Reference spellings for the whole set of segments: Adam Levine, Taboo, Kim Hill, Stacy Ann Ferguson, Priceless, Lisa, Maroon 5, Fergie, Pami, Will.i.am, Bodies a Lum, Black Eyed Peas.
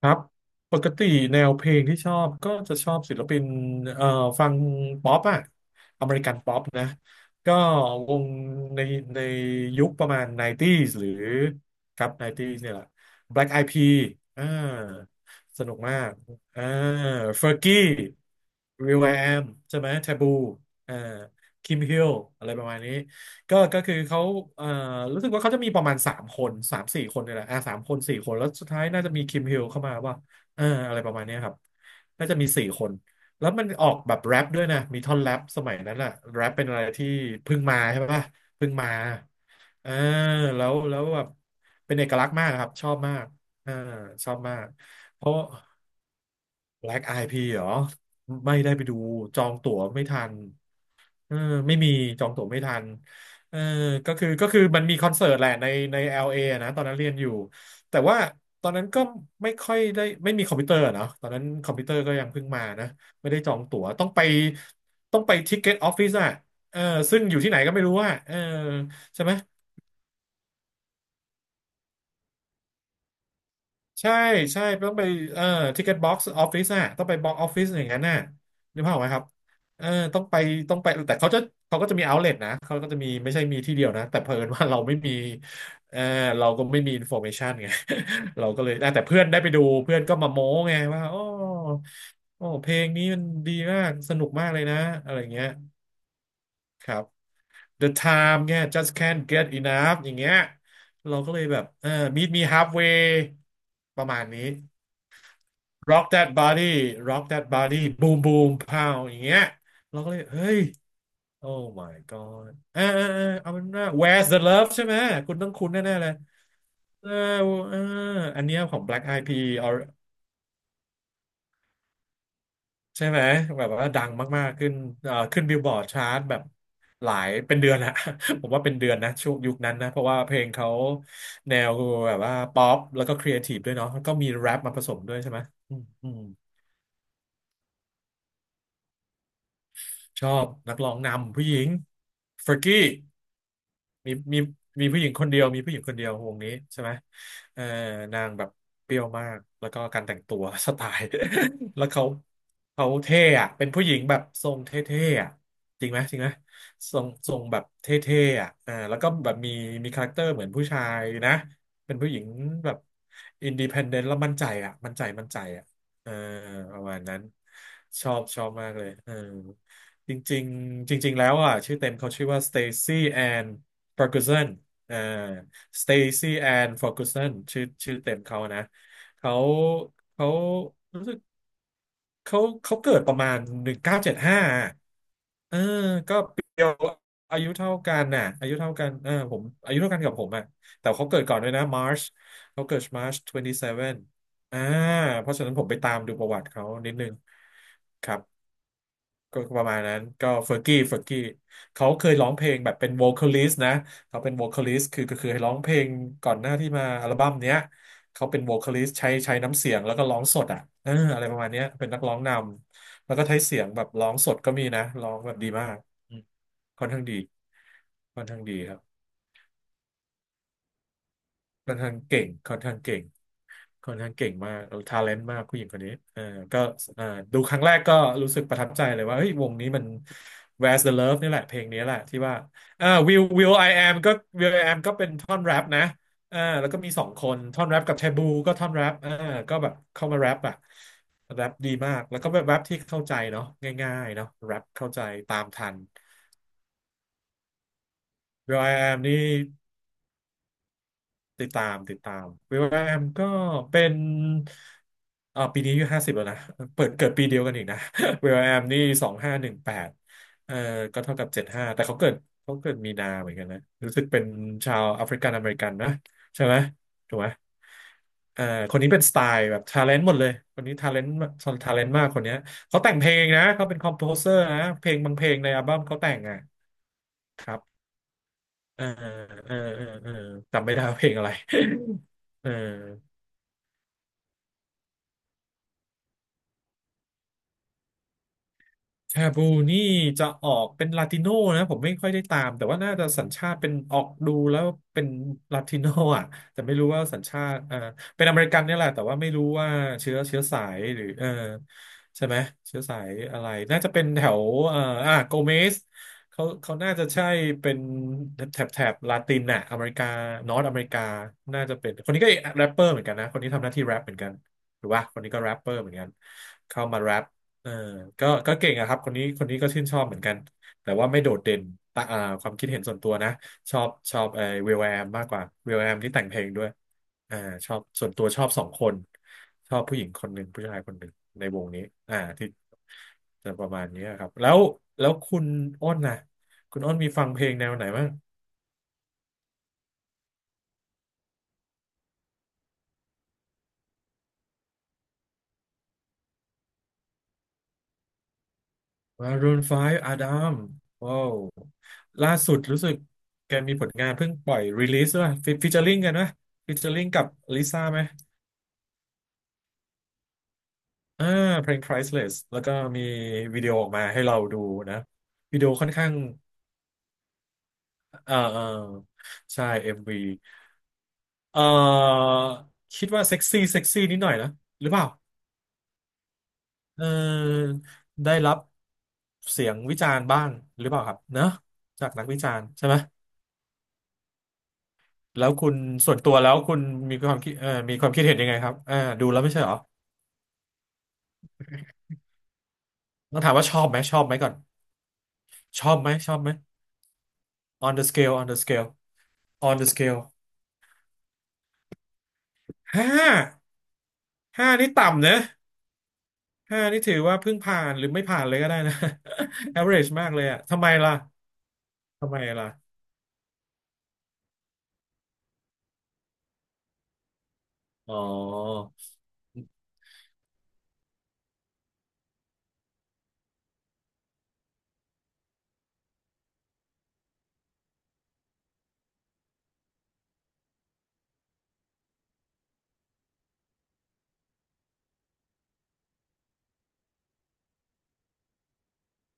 ครับปกติแนวเพลงที่ชอบก็จะชอบศิลปินเอ่อฟังป๊อปอะอเมริกันป๊อปนะก็วงในในยุคประมาณ 90s หรือครับ 90s เนี่ยแหละ Black Eyed Peas อ่าสนุกมากอ่า Fergie Will.i.am ใช่ไหม Taboo อ่า Kim Hill อะไรประมาณนี้ ก็คือเขาเอ่อรู้สึกว่าเขาจะมีประมาณสามคนสามสี่คนเนี่ยแหละสามคนสี่คน แล้วสุดท้ายน่าจะมีคิมฮิลเข้ามาว่าเอออะไรประมาณเนี้ยครับ น่าจะมีสี่คน แล้วมันออกแบบแรปด้วยนะ มีท่อนแรปสมัยนั้นอะแรปเป็นอะไรที่เพิ่งมาใช่ปะเพิ่งมาเออแล้วแบบเป็นเอกลักษณ์มากครับ ชอบมากเออชอบมากเพราะ Black ไอพี p เหรอไม่ได้ไปดูจองตั๋วไม่ทันเออไม่มีจองตั๋วไม่ทันเออก็คือมันมีคอนเสิร์ตแหละใน LA อลเออะนะตอนนั้นเรียนอยู่แต่ว่าตอนนั้นก็ไม่ค่อยได้ไม่มีคอมพิวเตอร์อะเนาะตอนนั้นคอมพิวเตอร์ก็ยังเพิ่งมานะไม่ได้จองตั๋วต้องไปต้องไปทิกเก็ตออฟฟิศอะเออซึ่งอยู่ที่ไหนก็ไม่รู้อะเออใช่ไหม ใช่ใช่ต้องไปเอ่อทิกเก็ตบ็อกซ์ออฟฟิศอะต้องไปบ็อกออฟฟิศอย่างนั้นน่ะนึกภาพออกไหมครับเออต้องไปต้องไปแต่เขาจะเขาก็จะมีเอาเล t นะเขาก็จะมีไม่ใช่มีที่เดียวนะแต่เผอิญว่าเราไม่มีเออเราก็ไม่มีอินโฟเมชันไง เราก็เลยอ่ะแต่เพื่อนได้ไปดูเพื่อนก็มาโม้ไงว่าโอ้โอ้เพลงนี้มันดีมากสนุกมากเลยนะอะไรเงี้ยครับ The Time เนี่ย just can't get enough อย่างเงี้ยเราก็เลยแบบเออ meet me halfway ประมาณนี้ rock that body rock that body boom boom pow อย่างเงี้ยเราก็เลยเฮ้ย oh my god เออเออเออเอาเป็นว่า where's the love ใช่ไหมคุณต้องคุ้นแน่ๆเลยเออเอออันเนี้ยของ Black Eyed Peas เอาใช่ไหมแบบว่าดังมากๆขึ้นขึ้นบิลบอร์ดชาร์ตแบบหลายเป็นเดือนอะ ผมว่าเป็นเดือนนะช่วงยุคนั้นนะเพราะว่าเพลงเขาแนวแบบว่าป๊อปแล้วก็ครีเอทีฟด้วยเนาะแล้วก็มีแรปมาผสมด้วยใช่ไหมอืมอืม ชอบนักร้องนำผู้หญิงเฟรกกี้ มีมีผู้หญิงคนเดียวมีผู้หญิงคนเดียววงนี้ใช่ไหมเออนางแบบเปรี้ยวมากแล้วก็การแต่งตัว สไตล์ แล้วเขาเขาเท่อะเป็นผู้หญิงแบบทรงเท่ๆอะจริงไหมจริงไหมทรงแบบเท่ๆอ่ะอ่าแล้วก็แบบมีคาแรคเตอร์เหมือนผู้ชายนะเป็นผู้หญิงแบบอินดี e พ d เดนต์แล้วมั่นใจอ่ะมั่นใจมั่นใจอ่ะเออประมาณนั้นชอบชอบมากเลยเออจริงๆจริงๆแล้วอ่ะชื่อเต็มเขาชื่อว่า Stacy Ann ฟอร์กูสันอ่าสเตซี่แอนฟอร์กูสันชื่อชื่อเต็มเขานะ เขาเขา เขาเกิดประมาณ1975เออก็เปียวอายุเท่ากันน่ะอายุเท่ากันเออผมอายุเท่ากันกับผมอ่ะแต่เขาเกิดก่อนด้วยนะมาร์ชเขาเกิดมาร์ช27อ่าเพราะฉะนั้นผมไปตามดูประวัติเขานิดนึงครับก็ประมาณนั้นก็เฟอร์กี้เฟอร์กี้เขาเคยร้องเพลงแบบเป็น v o c a l i ิส t นะเขาเป็น v o c a l i ิส t คือก็คือให้ร้องเพลงก่อนหน้าที่มาอัลบั้มเนี้ย เขาเป็นโวคาลิสใช้น้ำเสียงแล้วก็ร้องสดอ่ะเอออะไรประมาณเนี้ยเป็นนักร้องนำแล้วก็ใช้เสียงแบบร้องสดก็มีนะร้องแบบดีมากอืมค่อนข้างดีค่อนข้างดีครับ ค่อนข้างเก่งค่อนข้างเก่งค่อนข้างเก่งมากทาเลนต์มากผู้หญิงคนนี้เออก็เออดูครั้งแรกก็รู้สึกประทับใจเลยว่าเฮ้ยวงนี้มัน Where's the Love นี่แหละเพลงนี้แหละที่ว่าWill I Am ก็ Will I Am ก็เป็นท่อนแรปนะแล้วก็มีสองคนท่อนแรปกับแทบูก็ท่อนแรปก็แบบเข้ามาแรปอะแรปดีมาก แล้วก็แบบแรปที่เข้าใจเนาะง่ายๆเนาะแรปเข้าใจตามทัน Will I Am นี่ ติดตามวิลแวมก็เป็นปีนี้อายุ50แล้วนะเปิดเกิดปีเดียวกันอีกนะ วิลแวมนี่สองห้าหนึ่งแปดเอ่อก็เท่ากับเจ็ดห้าแต่เขาเกิดเขาเกิดมีนาเหมือนกันนะรู้สึกเป็นชาวแอฟริกันอเมริกันนะใช่ไหมถูกไหมเอ่อคนนี้เป็นสไตล์แบบทาเลนต์หมดเลยคนนี้ทาเลนต์ทาเลนต์มากคนเนี้ยเขาแต่งเพลงนะเขาเป็นคอมโพเซอร์นะเพลงบางเพลงในอัลบั้มเขาแต่งอ่ะครับ เออเออเออเออจำไม่ได้ว่าเพลงอะไร เออ แคบูนี่จะออกเป็นลาติโนนะผมไม่ค่อยได้ตามแต่ว่าน่าจะสัญชาติเป็นออกดูแล้วเป็นลาติโนอ่ะแต่ไม่รู้ว่าสัญชาติเป็นอเมริกันเนี่ยแหละแต่ว่าไม่รู้ว่าเชื้อสายหรือเออใช่ไหมเชื้อสายอะไรน่าจะเป็นแถวเอ่ออ่ะโกเมสเขาน่าจะใช่เป็นแถบลาตินน่ะอเมริกานอร์อเมริกาน่าจะเป็นคนนี้ก็แรปเปอร์เหมือนกันนะคนนี้ทำหน้าที่แรปเหมือนกันหรือว่าคนนี้ก็แรปเปอร์เหมือนกันเข้ามาแรป เออก็เก่งอะครับคนนี้ก็ชื่นชอบเหมือนกัน แต่ว่าไม่โดดเด่นตะอ่าความคิดเห็นส่วนตัวนะ ชอบเออวิลแอมมากกว่าวิลแอมที่แต่งเพลงด้วยอ่าชอบส่วนตัวชอบสองคน ชอบผู้หญิงคนหนึ่ง ผู้ชายคนหนึ่ง ในวงนี้อ่าที่จะประมาณนี้ครับ แล้ว แล้วคุณอ้นนะคุณอ้นมีฟังเพลงแนวไหนบ้าง Maroon 5 Adam ว้าวล่าสุดรู้สึกแกมีผลงานเพิ่งปล่อยรีลิสด้วยฟิเจอริงกันนะฟิเจอริงกับลิซ่าไหม อ่าเพลง Priceless แล้วก็มีวิดีโอออกมาให้เราดูนะวิดีโอค่อนข้างเอ่อเอ่อใช่ MV เอ่อคิดว่าเซ็กซี่เซ็กซี่นิดหน่อยนะหรือเปล่าเออได้รับเสียงวิจารณ์บ้างหรือเปล่าครับเนอะจากนักวิจารณ์ใช่ไหมแล้วคุณส่วนตัวแล้วคุณมีความคิดมีความคิดเห็นยังไงครับอ่าดูแล้วไม่ใช่เหรอต้องถามว่าชอบไหมก่อนชอบไหม on the scale on the scale ห้า ห้านี่ต่ำนะห้านี่ถือว่าเพิ่งผ่านหรือไม่ผ่านเลยก็ได้นะ average มากเลยอะ ทำไมล่ะทำไมล่ะอ๋อ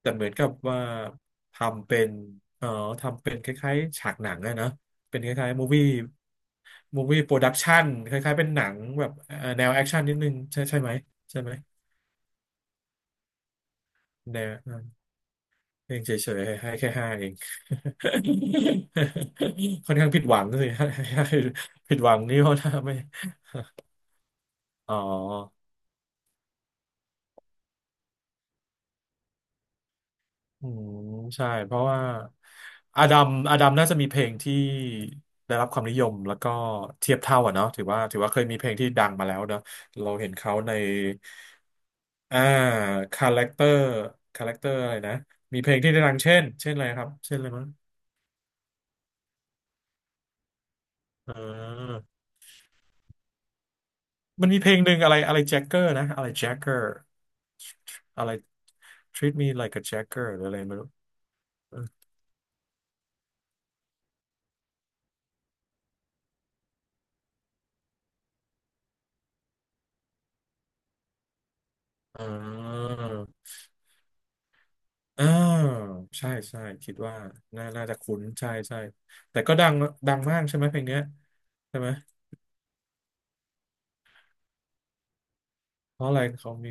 แต่เหมือนกับว่าทำเป็นเอ่อทำเป็นคล้ายๆฉากหนังอะนะเป็นคล้ายๆ movie movie production คล้ายๆเป็นหนังแบบแนวแอคชั่นนิดนึงใช่ไหมใช่ไหมแนวนั้นเองเฉยๆให้แค่ห้าเอง ค่อนข้างผิดหวังสิ ให้ให้ผิดหวังนี่เพราะว่าไม่อ๋อ อืมใช่เพราะว่าอาดัมน่าจะมีเพลงที่ได้รับความนิยมแล้วก็เทียบเท่าอ่ะเนาะถือว่าเคยมีเพลงที่ดังมาแล้วเนาะเราเห็นเขาในอ่าคาแรคเตอร์คาแรคเตอร์อะไรนะมีเพลงที่ได้ดังเช่นอะไรครับเช่นอะไรมั้งเออมันมีเพลงหนึ่งอะไรอะไรแจ็คเกอร์นะอะไรแจ็คเกอร์อะไร treat me like a jacker หรืออะไรไม่รู้เออ อ่าใช่ใช่คิดว่าน่าจะคุ้นใช่แต่ก็ดังดังมากใช่ไหมเพลงเนี้ยใช่ไหมเพราะอะไรเขามี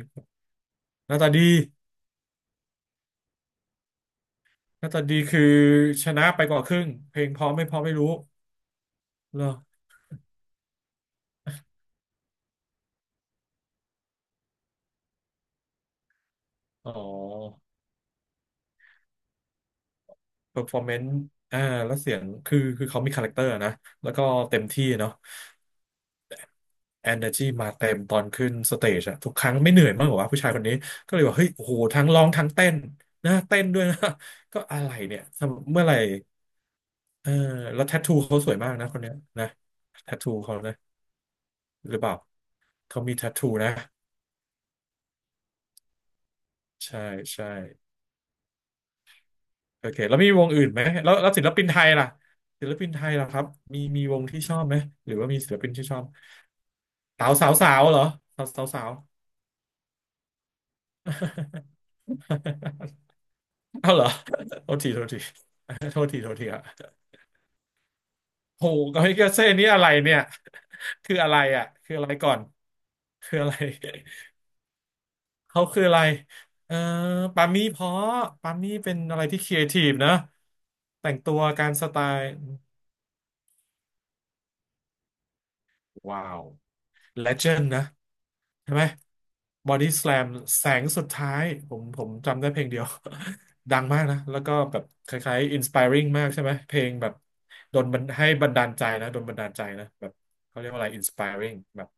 หน้าตาดีหน้าตาดีคือชนะไปกว่าครึ่งเพลงเพราะไม่เพราะไม่รู้เหรออ๋อเปอร์ฟอร์แมนซ์อ่าแล้วเสียงคือเขามีคาแรคเตอร์นะแล้วก็เต็มที่เนาะเอนเนอร์จีมาเต็มตอนขึ้นสเตจอะทุกครั้งไม่เหนื่อยมากกว่าผู้ชายคนนี้ก็เลยว่าเฮ้ยโอ้โหทั้งร้องทั้งเต้นนะเต้นด้วยนะ ก็อะไรเนี่ยทำเมื่อไหร่ เออแล้วแทททูเขาสวยมากนะคนเนี้ยนะแทททูเขานะหรือเปล่าเขามีแทททูนะใช่ใช่โอเคแล้วมีวงอื่นไหมแล้วศิลปินไทยล่ะศิลปินไทยล่ะครับมีวงที่ชอบไหมหรือว่ามีศิลปินที่ชอบสาวสาวสาวเหรอสาวสาวสาว เอาเหรอโทษทีโทษที โทษทีโทษทีครับโหกามิกาเซ่นี่อะไรเนี่ยคืออะไรอ่ะคืออะไรก่อนคืออะไร เขาคืออะไรเออปามี่เพราะปามี่เป็นอะไรที่ครีเอทีฟนะแต่งตัวการสไตล์ ว้าวเลเจนด์นะ ใช่ไหมบอดี้ส a ลมแสงสุดท้ายผมจำได้เพลงเดียว ดังมากนะ แล้วก็แบบคล้ายๆอินสป r ร n g มากใช่ไหมเพลงแบบโดนบันให้บันดาลใจนะโดนบันดาลใจนะแบบเขาเรียกว่าอะไรอินสป r ร n g แบบ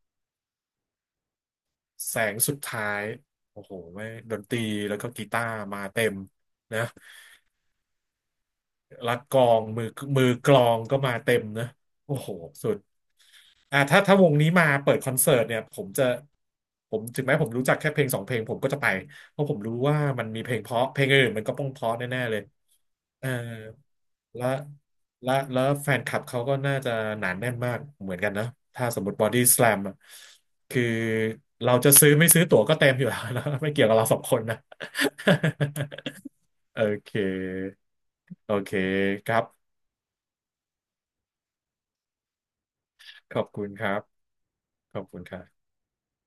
แสงสุดท้าย โอ้โหไม่ดนตรีแล้วก็กีตาร์มาเต็มนะ แล้วกลองมือมือกลองก็มาเต็มนะโอ้โหสุดอ่าถ้าวงนี้มาเปิดคอนเสิร์ตเนี่ยผมจะผมถึงแม้ผมรู้จักแค่เพลงสองเพลงผมก็จะไปเพราะผมรู้ว่ามันมีเพลงเพราะเพลงอื่นมันก็ป้องเพราะแน่ๆเลยเออและและแล้วแฟนคลับเขาก็น่าจะหนาแน่นมากเหมือนกันนะถ้าสมมติบอดี้ส a ลมคือเราจะซื้อไม่ซื้อตั๋วก็เต็มอยู่แล้วนะ ไม่เกี่ยวกับเราสองคนนะ โอเคโอเคครับ ขอบคุณครับ ขอบคุณครับ